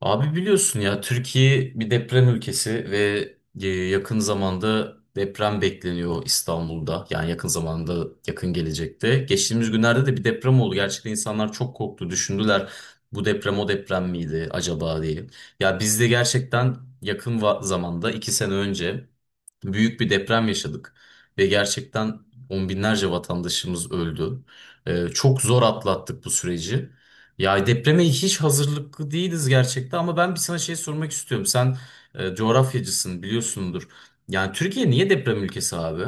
Abi biliyorsun ya, Türkiye bir deprem ülkesi ve yakın zamanda deprem bekleniyor İstanbul'da. Yani yakın zamanda, yakın gelecekte. Geçtiğimiz günlerde de bir deprem oldu. Gerçekten insanlar çok korktu, düşündüler. Bu deprem o deprem miydi acaba diye. Ya biz de gerçekten yakın zamanda, 2 sene önce büyük bir deprem yaşadık. Ve gerçekten on binlerce vatandaşımız öldü. Çok zor atlattık bu süreci. Ya depreme hiç hazırlıklı değiliz gerçekten, ama ben bir sana şey sormak istiyorum. Sen coğrafyacısın, biliyorsundur. Yani Türkiye niye deprem ülkesi abi?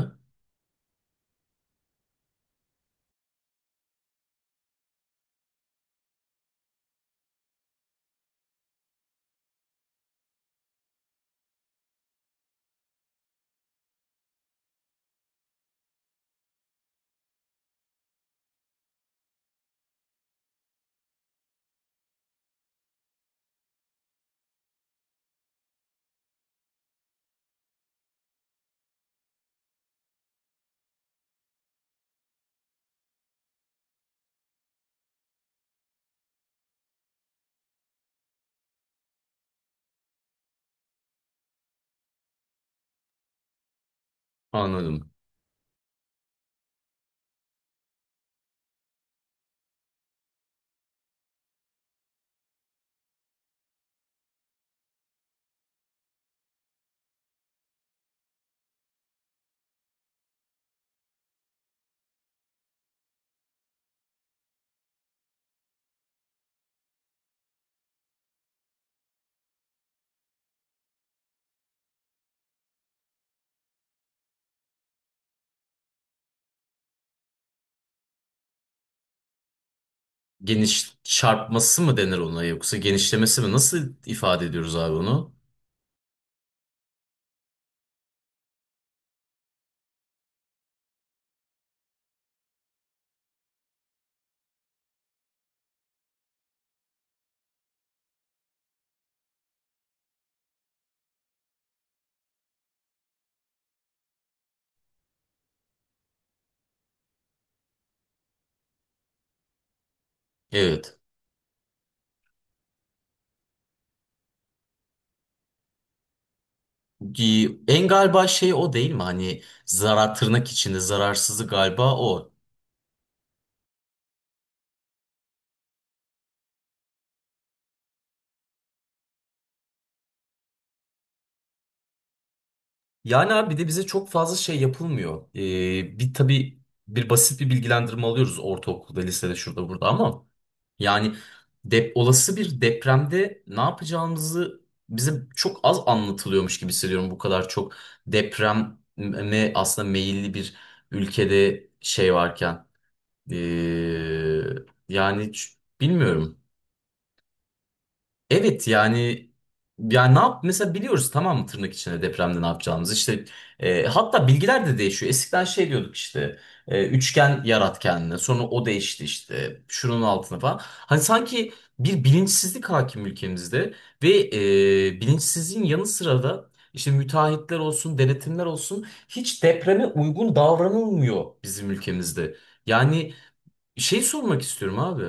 Anladım. Geniş çarpması mı denir ona, yoksa genişlemesi mi? Nasıl ifade ediyoruz abi onu? Evet. En galiba şey, o değil mi? Hani zarar tırnak içinde zararsızlık galiba o. Yani abi, bir de bize çok fazla şey yapılmıyor. Bir tabii, bir basit bir bilgilendirme alıyoruz ortaokulda, lisede, şurada, burada, ama yani olası bir depremde ne yapacağımızı bize çok az anlatılıyormuş gibi hissediyorum. Bu kadar çok depreme aslında meyilli bir ülkede şey varken. Ee, Yani bilmiyorum. Evet yani ne yap mesela, biliyoruz tamam mı tırnak içinde depremde ne yapacağımızı, işte hatta bilgiler de değişiyor, eskiden şey diyorduk, işte üçgen yarat kendine, sonra o değişti, işte şunun altına falan. Hani sanki bir bilinçsizlik hakim ülkemizde ve bilinçsizliğin yanı sıra da işte müteahhitler olsun, denetimler olsun, hiç depreme uygun davranılmıyor bizim ülkemizde. Yani şey sormak istiyorum abi,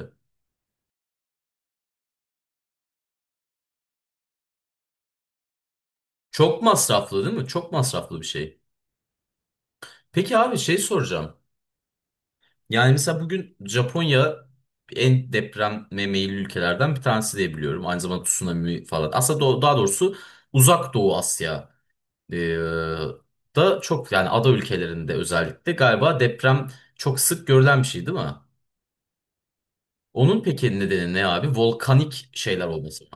çok masraflı değil mi, çok masraflı bir şey. Peki abi, şey soracağım. Yani mesela bugün Japonya en depreme meyilli ülkelerden bir tanesi diye biliyorum. Aynı zamanda tsunami falan. Aslında daha doğrusu Uzak Doğu Asya e, da çok, yani ada ülkelerinde özellikle galiba deprem çok sık görülen bir şey, değil mi? Onun peki nedeni ne abi? Volkanik şeyler olması mı?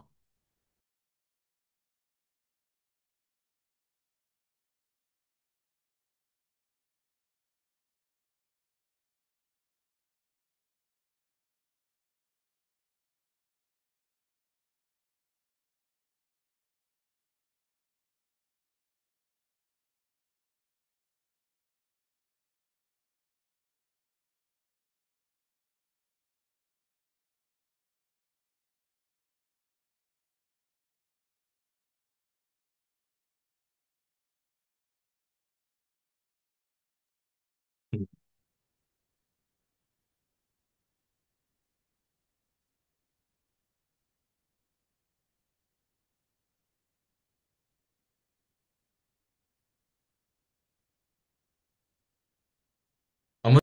Ama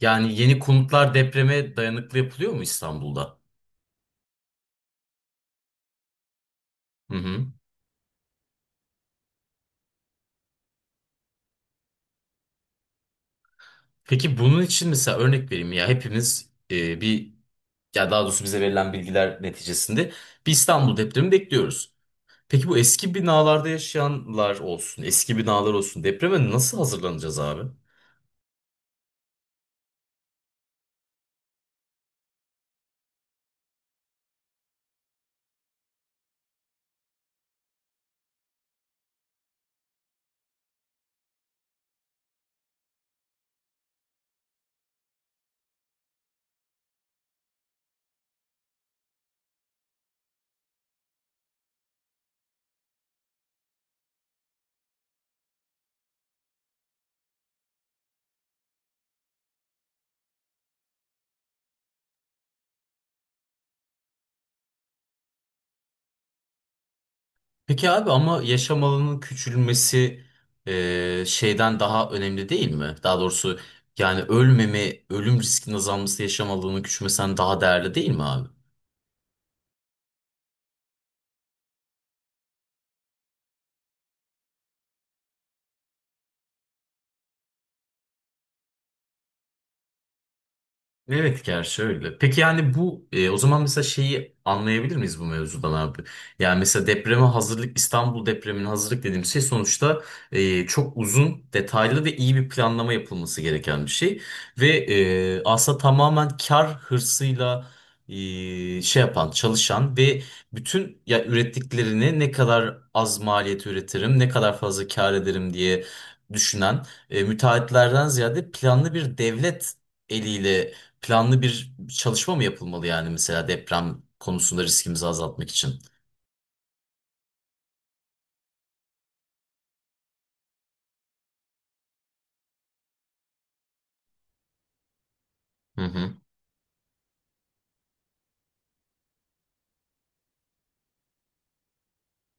yani yeni konutlar depreme dayanıklı yapılıyor mu İstanbul'da? Hı hı. Peki bunun için mesela, örnek vereyim, ya hepimiz bir, ya daha doğrusu bize verilen bilgiler neticesinde bir İstanbul depremi bekliyoruz. Peki bu eski binalarda yaşayanlar olsun, eski binalar olsun depreme nasıl hazırlanacağız abi? Peki abi, ama yaşam alanının küçülmesi şeyden daha önemli değil mi? Daha doğrusu yani ölmeme, ölüm riskinin azalması yaşam alanının küçülmesinden daha değerli değil mi abi? Evet, gerçi öyle. Peki yani bu o zaman mesela şeyi anlayabilir miyiz bu mevzudan abi? Yani mesela depreme hazırlık, İstanbul depremine hazırlık dediğim şey sonuçta çok uzun, detaylı ve iyi bir planlama yapılması gereken bir şey. Ve aslında tamamen kar hırsıyla e, şey yapan, çalışan ve bütün ya ürettiklerini ne kadar az maliyet üretirim, ne kadar fazla kar ederim diye düşünen müteahhitlerden ziyade, planlı bir devlet eliyle planlı bir çalışma mı yapılmalı yani, mesela deprem konusunda riskimizi azaltmak için? Hı hı.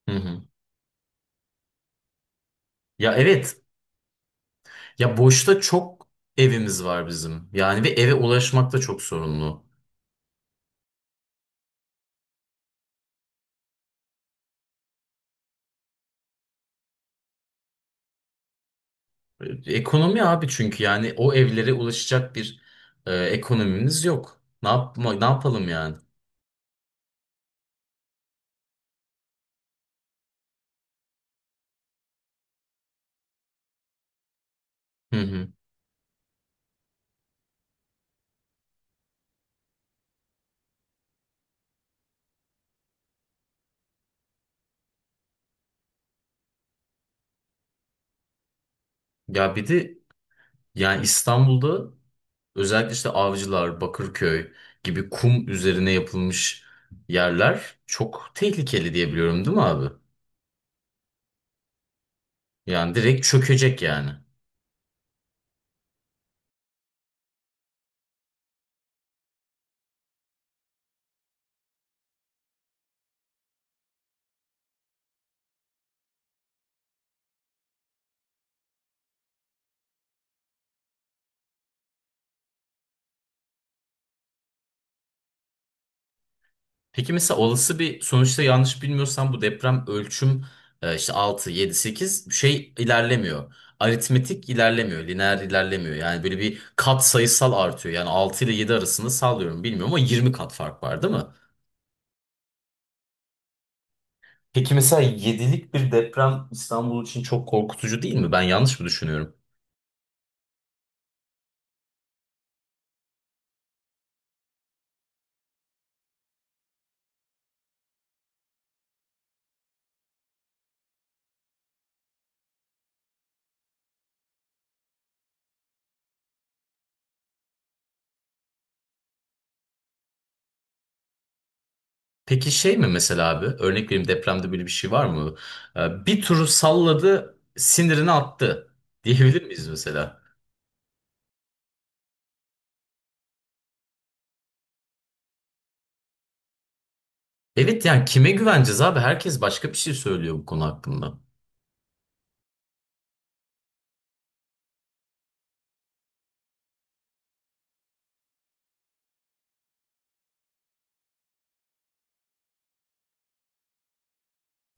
Hı hı. Ya evet. Ya boşta çok evimiz var bizim. Yani, ve eve ulaşmak da çok sorunlu. Ekonomi abi, çünkü yani o evlere ulaşacak bir ekonomimiz yok. Ne yapalım yani? Hı hı. Ya bir de yani İstanbul'da özellikle işte Avcılar, Bakırköy gibi kum üzerine yapılmış yerler çok tehlikeli diye biliyorum, değil mi abi? Yani direkt çökecek yani. Peki mesela olası bir sonuçta, yanlış bilmiyorsam, bu deprem ölçüm işte 6 7 8 şey ilerlemiyor. Aritmetik ilerlemiyor, lineer ilerlemiyor. Yani böyle bir kat sayısal artıyor. Yani 6 ile 7 arasında, sallıyorum bilmiyorum, ama 20 kat fark var değil mi? Peki mesela 7'lik bir deprem İstanbul için çok korkutucu değil mi? Ben yanlış mı düşünüyorum? Peki şey mi mesela abi? Örnek vereyim, depremde böyle bir şey var mı? Bir turu salladı, sinirini attı diyebilir miyiz mesela? Evet yani kime güveneceğiz abi? Herkes başka bir şey söylüyor bu konu hakkında.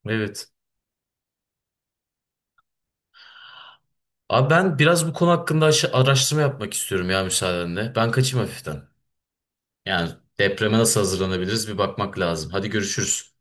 Evet. Abi ben biraz bu konu hakkında araştırma yapmak istiyorum ya, müsaadenle. Ben kaçayım hafiften. Yani depreme nasıl hazırlanabiliriz bir bakmak lazım. Hadi görüşürüz.